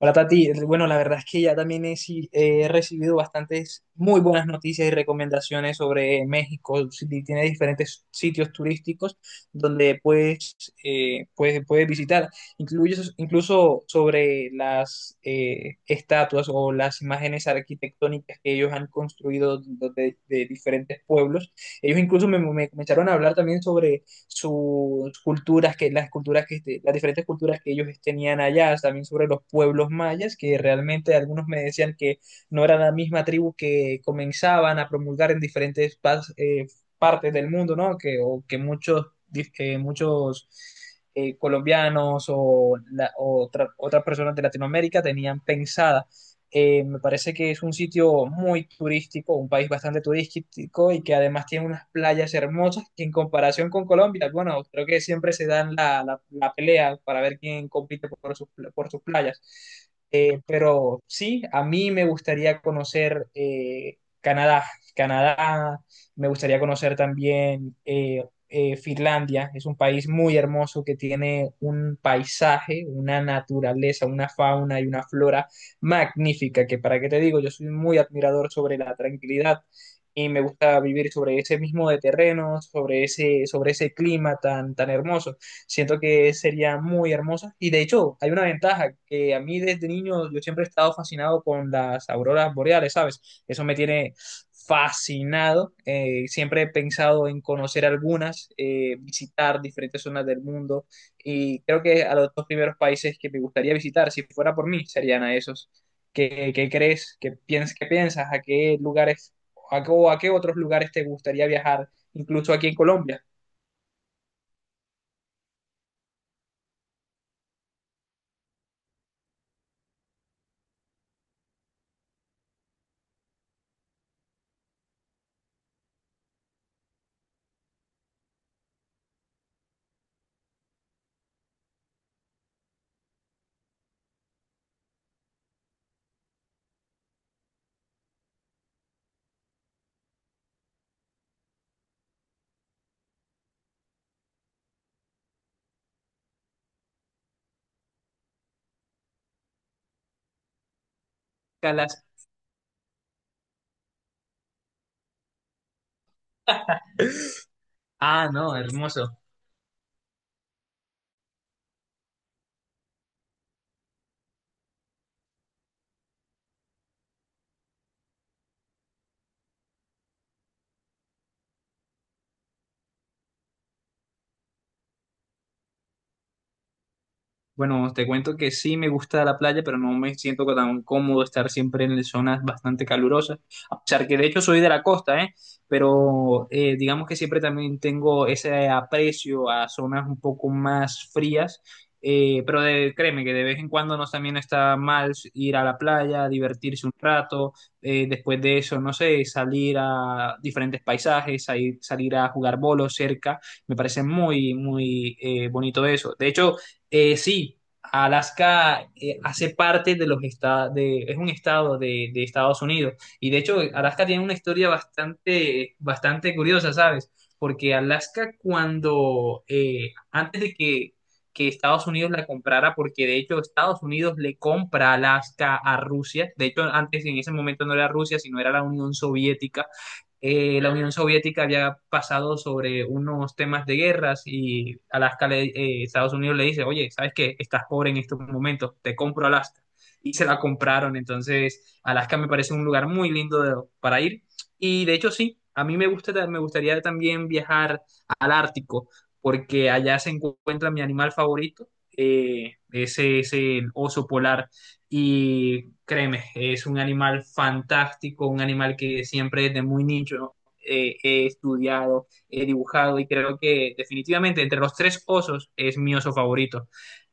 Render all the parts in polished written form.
Hola Tati, bueno, la verdad es que ya también he, si- he recibido bastantes muy buenas noticias y recomendaciones sobre México. Si ti- Tiene diferentes sitios turísticos donde puedes, puedes visitar, incluso sobre las estatuas o las imágenes arquitectónicas que ellos han construido de diferentes pueblos. Ellos incluso me comenzaron a hablar también sobre sus las culturas que las diferentes culturas que ellos tenían allá, también sobre los pueblos mayas, que realmente algunos me decían que no era la misma tribu que comenzaban a promulgar en diferentes partes del mundo, ¿no? O que muchos, muchos colombianos o otras personas de Latinoamérica tenían pensadas. Me parece que es un sitio muy turístico, un país bastante turístico y que además tiene unas playas hermosas que en comparación con Colombia, bueno, creo que siempre se dan la pelea para ver quién compite por sus playas. Pero sí, a mí me gustaría conocer Canadá. Canadá, me gustaría conocer también Finlandia. Es un país muy hermoso que tiene un paisaje, una naturaleza, una fauna y una flora magnífica, que para qué te digo, yo soy muy admirador sobre la tranquilidad y me gusta vivir sobre ese mismo de terreno, sobre ese clima tan, tan hermoso. Siento que sería muy hermosa y de hecho hay una ventaja que a mí desde niño yo siempre he estado fascinado con las auroras boreales, ¿sabes? Eso me tiene fascinado, siempre he pensado en conocer algunas, visitar diferentes zonas del mundo y creo que a los dos primeros países que me gustaría visitar, si fuera por mí, serían a esos. ¿Qué crees? ¿Qué piensas? ¿A qué lugares a qué otros lugares te gustaría viajar? Incluso aquí en Colombia. Calas. Ah, no, hermoso. Bueno, te cuento que sí me gusta la playa, pero no me siento tan cómodo estar siempre en zonas bastante calurosas, a pesar que de hecho soy de la costa, ¿eh? Pero digamos que siempre también tengo ese aprecio a zonas un poco más frías, créeme que de vez en cuando no también está mal ir a la playa, divertirse un rato, después de eso, no sé, salir a diferentes paisajes, salir a jugar bolos cerca, me parece muy, muy bonito eso. De hecho, sí, Alaska hace parte de los estados, es un estado de Estados Unidos. Y de hecho, Alaska tiene una historia bastante, bastante curiosa, ¿sabes? Porque Alaska cuando, que Estados Unidos la comprara, porque de hecho Estados Unidos le compra Alaska a Rusia, de hecho antes en ese momento no era Rusia, sino era la Unión Soviética había pasado sobre unos temas de guerras y Estados Unidos le dice, oye, ¿sabes qué? Estás pobre en estos momentos, te compro Alaska. Y se la compraron, entonces Alaska me parece un lugar muy lindo para ir. Y de hecho sí, a mí me gusta, me gustaría también viajar al Ártico, porque allá se encuentra mi animal favorito, ese es el oso polar. Y créeme, es un animal fantástico, un animal que siempre desde muy nicho he estudiado, he dibujado y creo que definitivamente entre los tres osos es mi oso favorito.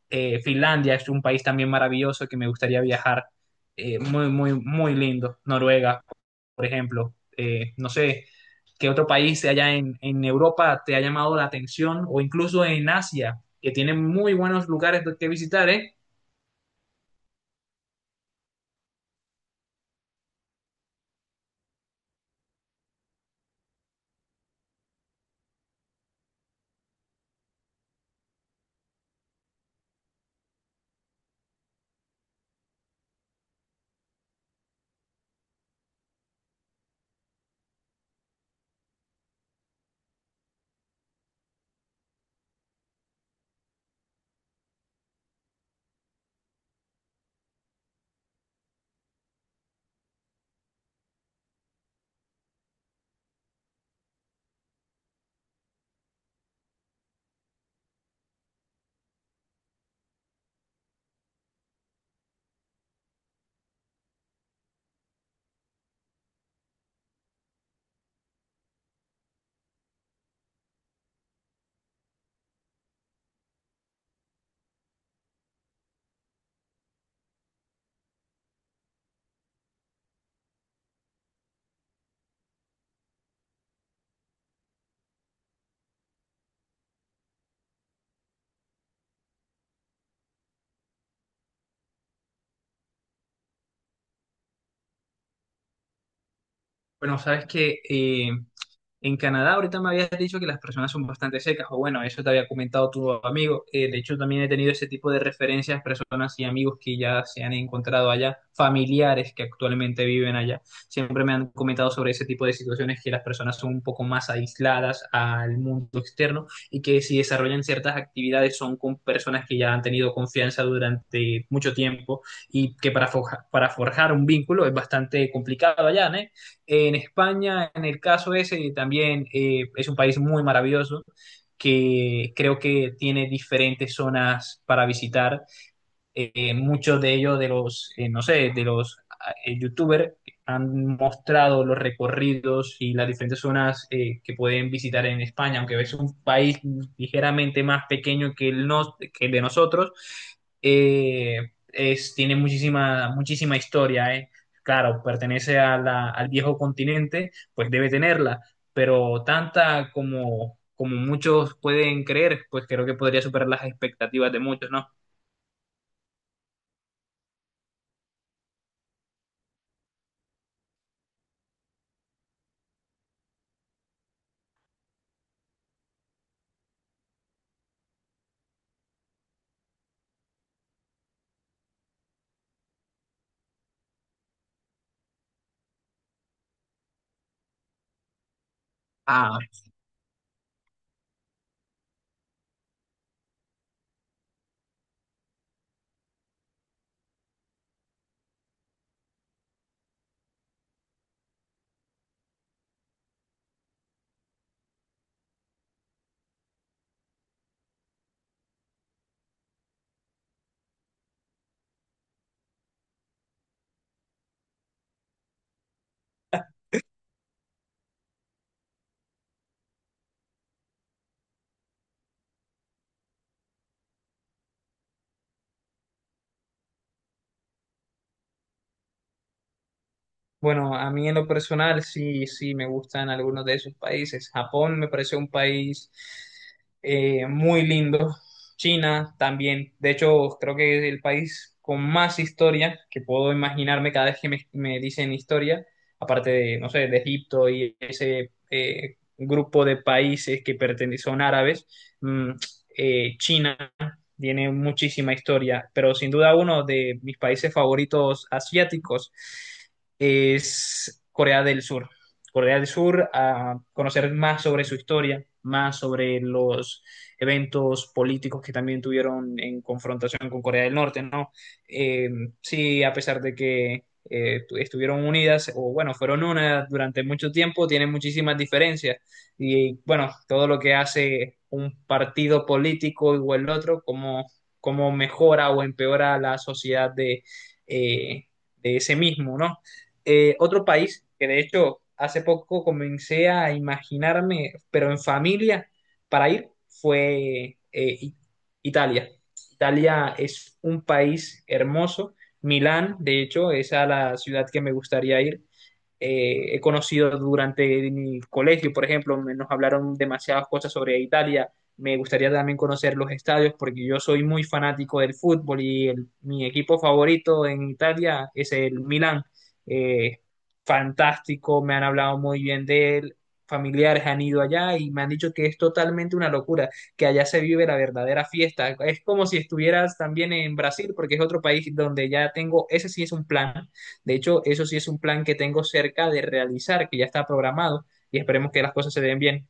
Finlandia es un país también maravilloso que me gustaría viajar, muy, muy lindo. Noruega, por ejemplo. No sé qué otro país allá en Europa te ha llamado la atención o incluso en Asia, que tiene muy buenos lugares que visitar, ¿eh? Bueno, sabes que en Canadá ahorita me habías dicho que las personas son bastante secas, o bueno, eso te había comentado tu amigo. De hecho, también he tenido ese tipo de referencias, personas y amigos que ya se han encontrado allá, familiares que actualmente viven allá. Siempre me han comentado sobre ese tipo de situaciones que las personas son un poco más aisladas al mundo externo y que si desarrollan ciertas actividades son con personas que ya han tenido confianza durante mucho tiempo y que para forjar un vínculo es bastante complicado allá, ¿no? En España, en el caso ese, también es un país muy maravilloso que creo que tiene diferentes zonas para visitar muchos de ellos, no sé, de los youtubers, han mostrado los recorridos y las diferentes zonas que pueden visitar en España, aunque es un país ligeramente más pequeño que que el de nosotros, tiene muchísima, muchísima historia, eh. Claro, pertenece a al viejo continente, pues debe tenerla, pero tanta como, como muchos pueden creer, pues creo que podría superar las expectativas de muchos, ¿no? Ah, bueno, a mí en lo personal sí, sí me gustan algunos de esos países. Japón me parece un país muy lindo. China también. De hecho, creo que es el país con más historia que puedo imaginarme cada vez que me dicen historia. Aparte de, no sé, de Egipto y ese grupo de países que pertenecen son árabes. Mm, China tiene muchísima historia, pero sin duda uno de mis países favoritos asiáticos es Corea del Sur. Corea del Sur, a conocer más sobre su historia, más sobre los eventos políticos que también tuvieron en confrontación con Corea del Norte, ¿no? Eh, sí, a pesar de que estuvieron unidas, o bueno, fueron una durante mucho tiempo, tienen muchísimas diferencias. Y bueno, todo lo que hace un partido político o el otro, cómo mejora o empeora la sociedad eh, de ese mismo, ¿no? Otro país que de hecho hace poco comencé a imaginarme, pero en familia, para ir, fue Italia. Italia es un país hermoso. Milán, de hecho, es a la ciudad que me gustaría ir he conocido durante mi colegio, por ejemplo, nos hablaron demasiadas cosas sobre Italia. Me gustaría también conocer los estadios porque yo soy muy fanático del fútbol y mi equipo favorito en Italia es el Milan. Eh, Fantástico, me han hablado muy bien de él, familiares han ido allá y me han dicho que es totalmente una locura, que allá se vive la verdadera fiesta. Es como si estuvieras también en Brasil porque es otro país donde ya tengo, ese sí es un plan de hecho, eso sí es un plan que tengo cerca de realizar, que ya está programado y esperemos que las cosas se den bien.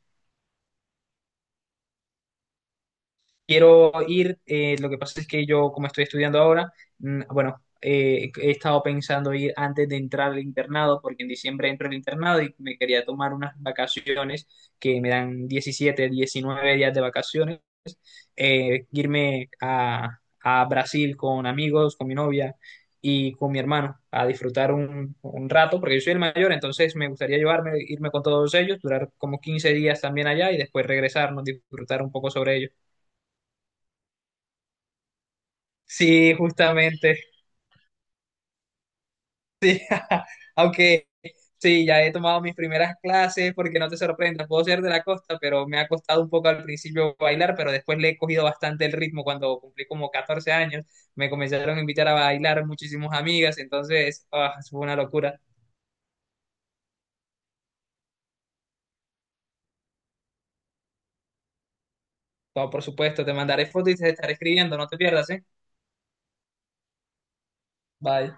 Quiero ir, lo que pasa es que yo, como estoy estudiando ahora, mm, bueno, he estado pensando ir antes de entrar al internado, porque en diciembre entro al internado y me quería tomar unas vacaciones que me dan 17, 19 días de vacaciones irme a Brasil con amigos, con mi novia y con mi hermano a disfrutar un rato, porque yo soy el mayor, entonces me gustaría llevarme, irme con todos ellos, durar como 15 días también allá y después regresarnos, disfrutar un poco sobre ellos. Sí, justamente. Sí, aunque sí, ya he tomado mis primeras clases porque no te sorprendas, puedo ser de la costa, pero me ha costado un poco al principio bailar, pero después le he cogido bastante el ritmo cuando cumplí como 14 años, me comenzaron a invitar a bailar muchísimas amigas, entonces ah, fue una locura. No, por supuesto, te mandaré fotos y te estaré escribiendo, no te pierdas, ¿eh? Bye.